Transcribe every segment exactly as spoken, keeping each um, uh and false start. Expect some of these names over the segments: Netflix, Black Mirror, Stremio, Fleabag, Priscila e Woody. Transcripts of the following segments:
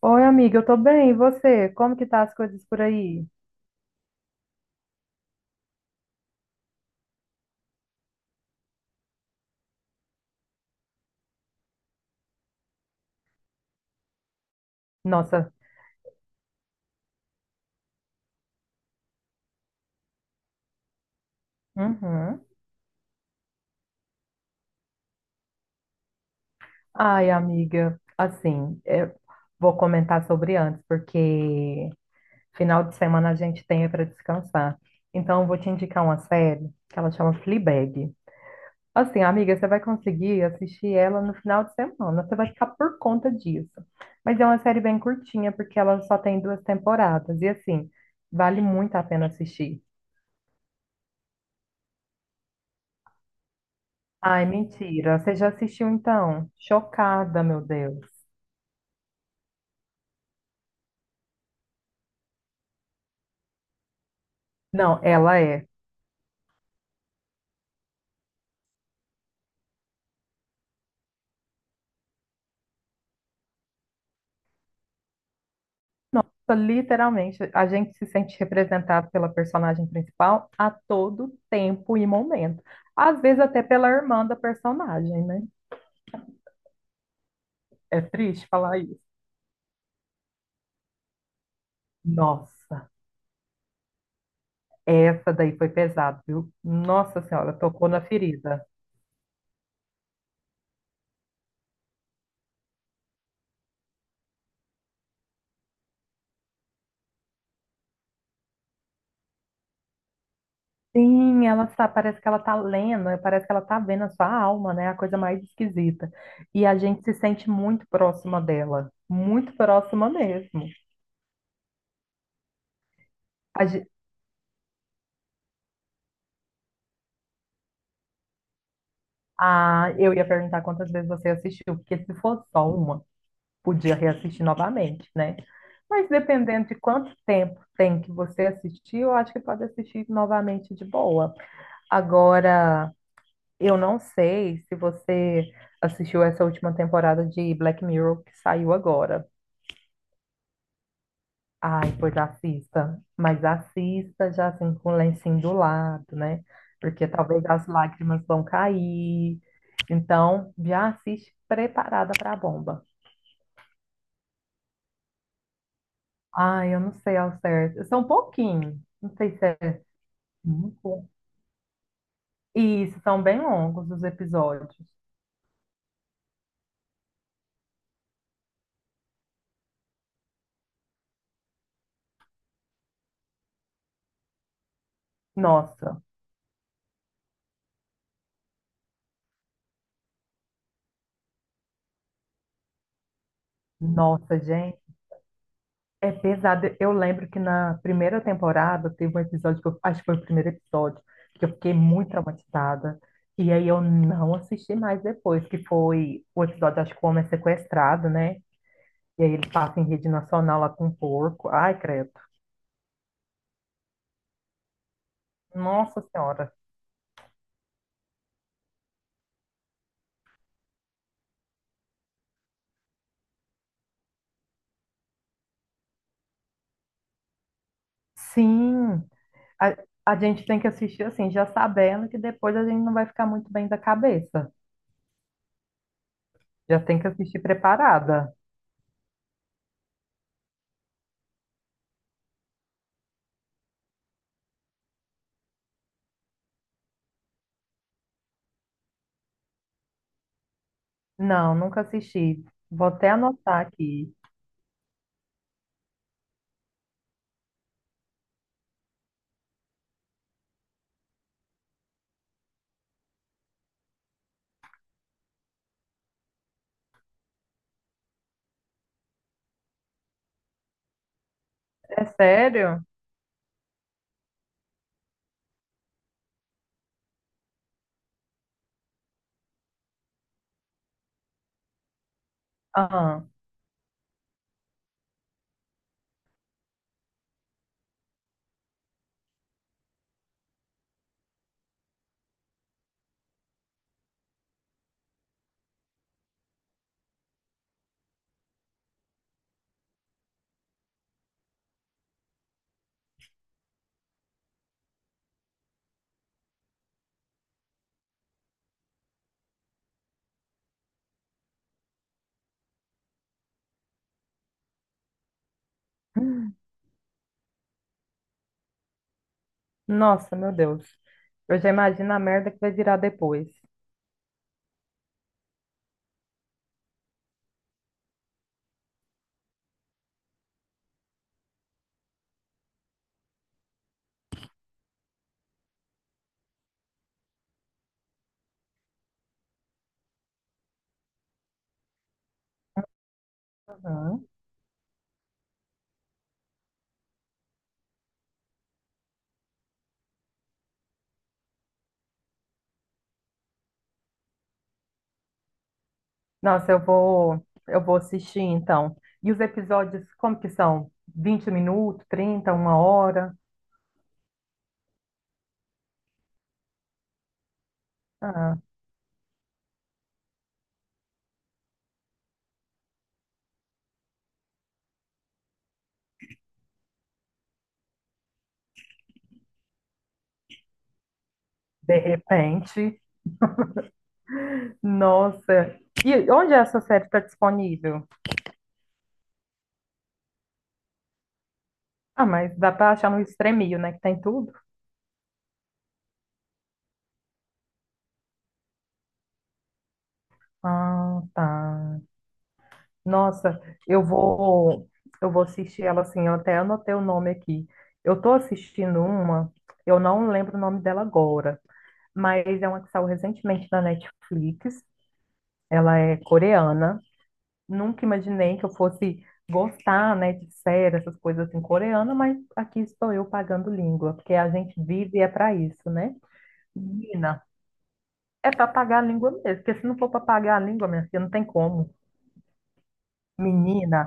Oi, amiga, eu tô bem, e você? Como que tá as coisas por aí? Nossa, uhum. Ai, amiga, assim, eu vou comentar sobre antes, porque final de semana a gente tem para descansar. Então, eu vou te indicar uma série que ela chama Fleabag. Assim, amiga, você vai conseguir assistir ela no final de semana, você vai ficar por conta disso. Mas é uma série bem curtinha, porque ela só tem duas temporadas, e assim, vale muito a pena assistir. Ai, mentira. Você já assistiu então? Chocada, meu Deus. Não, ela é. Literalmente, a gente se sente representado pela personagem principal a todo tempo e momento. Às vezes até pela irmã da personagem, né? É triste falar isso. Nossa, essa daí foi pesada, viu? Nossa Senhora, tocou na ferida. Sim, ela tá, parece que ela tá lendo, eh, parece que ela tá vendo a sua alma, né? A coisa mais esquisita. E a gente se sente muito próxima dela, muito próxima mesmo. A, ge- ah, eu ia perguntar quantas vezes você assistiu, porque se for só uma, podia reassistir novamente, né? Mas dependendo de quanto tempo tem que você assistir, eu acho que pode assistir novamente de boa. Agora, eu não sei se você assistiu essa última temporada de Black Mirror que saiu agora. Ai, pois assista, mas assista já assim com o lencinho do lado, né? Porque talvez as lágrimas vão cair. Então, já assiste preparada para a bomba. Ai, eu não sei ao certo. São pouquinho, não sei se é cinco. Isso, são bem longos os episódios. Nossa, nossa, gente. É pesado. Eu lembro que na primeira temporada teve um episódio, que eu, acho que foi o primeiro episódio, que eu fiquei muito traumatizada. E aí eu não assisti mais depois, que foi o episódio, acho que o homem é sequestrado, né? E aí ele passa em rede nacional lá com um porco. Ai, credo. Nossa Senhora. Sim, a, a gente tem que assistir assim, já sabendo que depois a gente não vai ficar muito bem da cabeça. Já tem que assistir preparada. Não, nunca assisti. Vou até anotar aqui. É sério? Ah, nossa, meu Deus. Eu já imagino a merda que vai virar depois. Uhum. Nossa, eu vou, eu vou assistir então. E os episódios, como que são? Vinte minutos, trinta, uma hora? Ah, de repente. Nossa. E onde é essa série está disponível? Ah, mas dá para achar no Stremio, né? Que tem tudo. Ah, tá. Nossa, eu vou, eu vou assistir ela assim. Eu até anotei o nome aqui. Eu tô assistindo uma, eu não lembro o nome dela agora, mas é uma que saiu recentemente na Netflix. Ela é coreana. Nunca imaginei que eu fosse gostar, né, de série, essas coisas assim coreana, mas aqui estou eu pagando língua, porque a gente vive é para isso, né? Menina, é para pagar a língua mesmo, porque se não for para pagar a língua, minha filha, não tem como. Menina,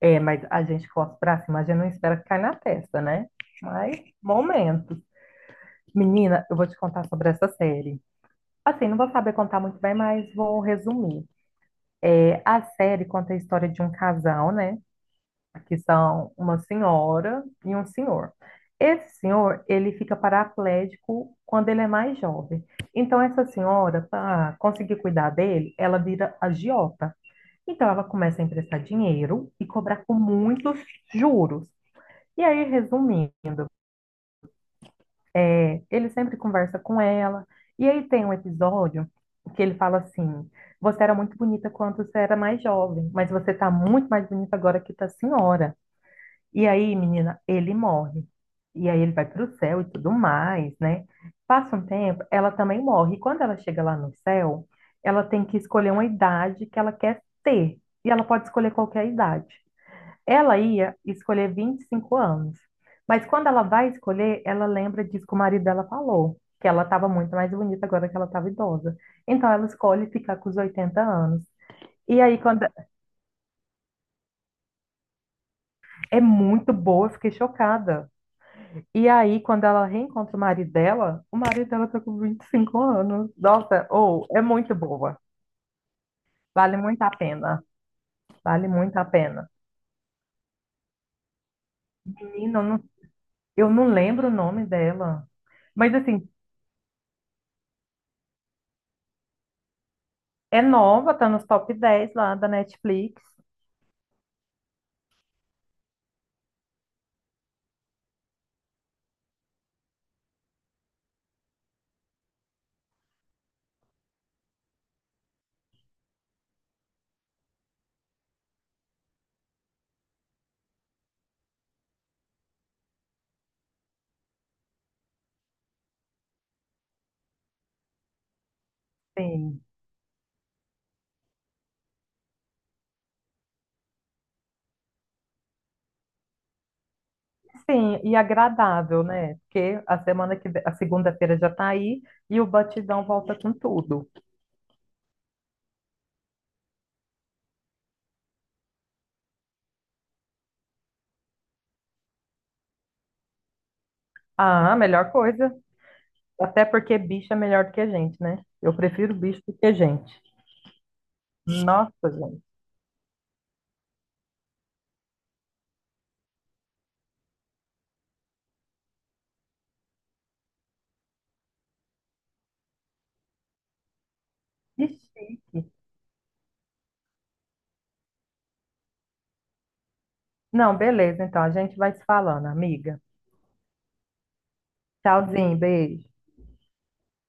é, mas a gente força pra cima, a gente não espera que caia na testa, né? Mas, momentos. Menina, eu vou te contar sobre essa série. Assim, não vou saber contar muito bem, mas vou resumir. É, a série conta a história de um casal, né? Que são uma senhora e um senhor. Esse senhor, ele fica paraplégico quando ele é mais jovem. Então, essa senhora, para conseguir cuidar dele, ela vira agiota. Então, ela começa a emprestar dinheiro e cobrar com muitos juros. E aí, resumindo, é, ele sempre conversa com ela. E aí tem um episódio que ele fala assim: você era muito bonita quando você era mais jovem, mas você tá muito mais bonita agora que tá senhora. E aí, menina, ele morre. E aí ele vai pro céu e tudo mais, né? Passa um tempo, ela também morre. E quando ela chega lá no céu, ela tem que escolher uma idade que ela quer ter. E ela pode escolher qualquer idade. Ela ia escolher vinte e cinco anos, mas quando ela vai escolher, ela lembra disso que o marido dela falou, que ela estava muito mais bonita agora que ela estava idosa. Então ela escolhe ficar com os oitenta anos. E aí, quando é muito boa, eu fiquei chocada. E aí, quando ela reencontra o marido dela, o marido dela tá com vinte e cinco anos. Nossa, ou é muito boa. Vale muito a pena. Vale muito a pena. Menina, eu não, eu não lembro o nome dela. Mas assim, é nova, tá nos top dez lá da Netflix. Sim. Sim, e agradável, né? Porque a semana que vem, a segunda-feira já tá aí e o batidão volta com tudo. Ah, a melhor coisa. Até porque bicho é melhor do que a gente, né? Eu prefiro bicho do que gente. Nossa, gente. Que chique. Não, beleza, então a gente vai se falando, amiga. Tchauzinho, beijo.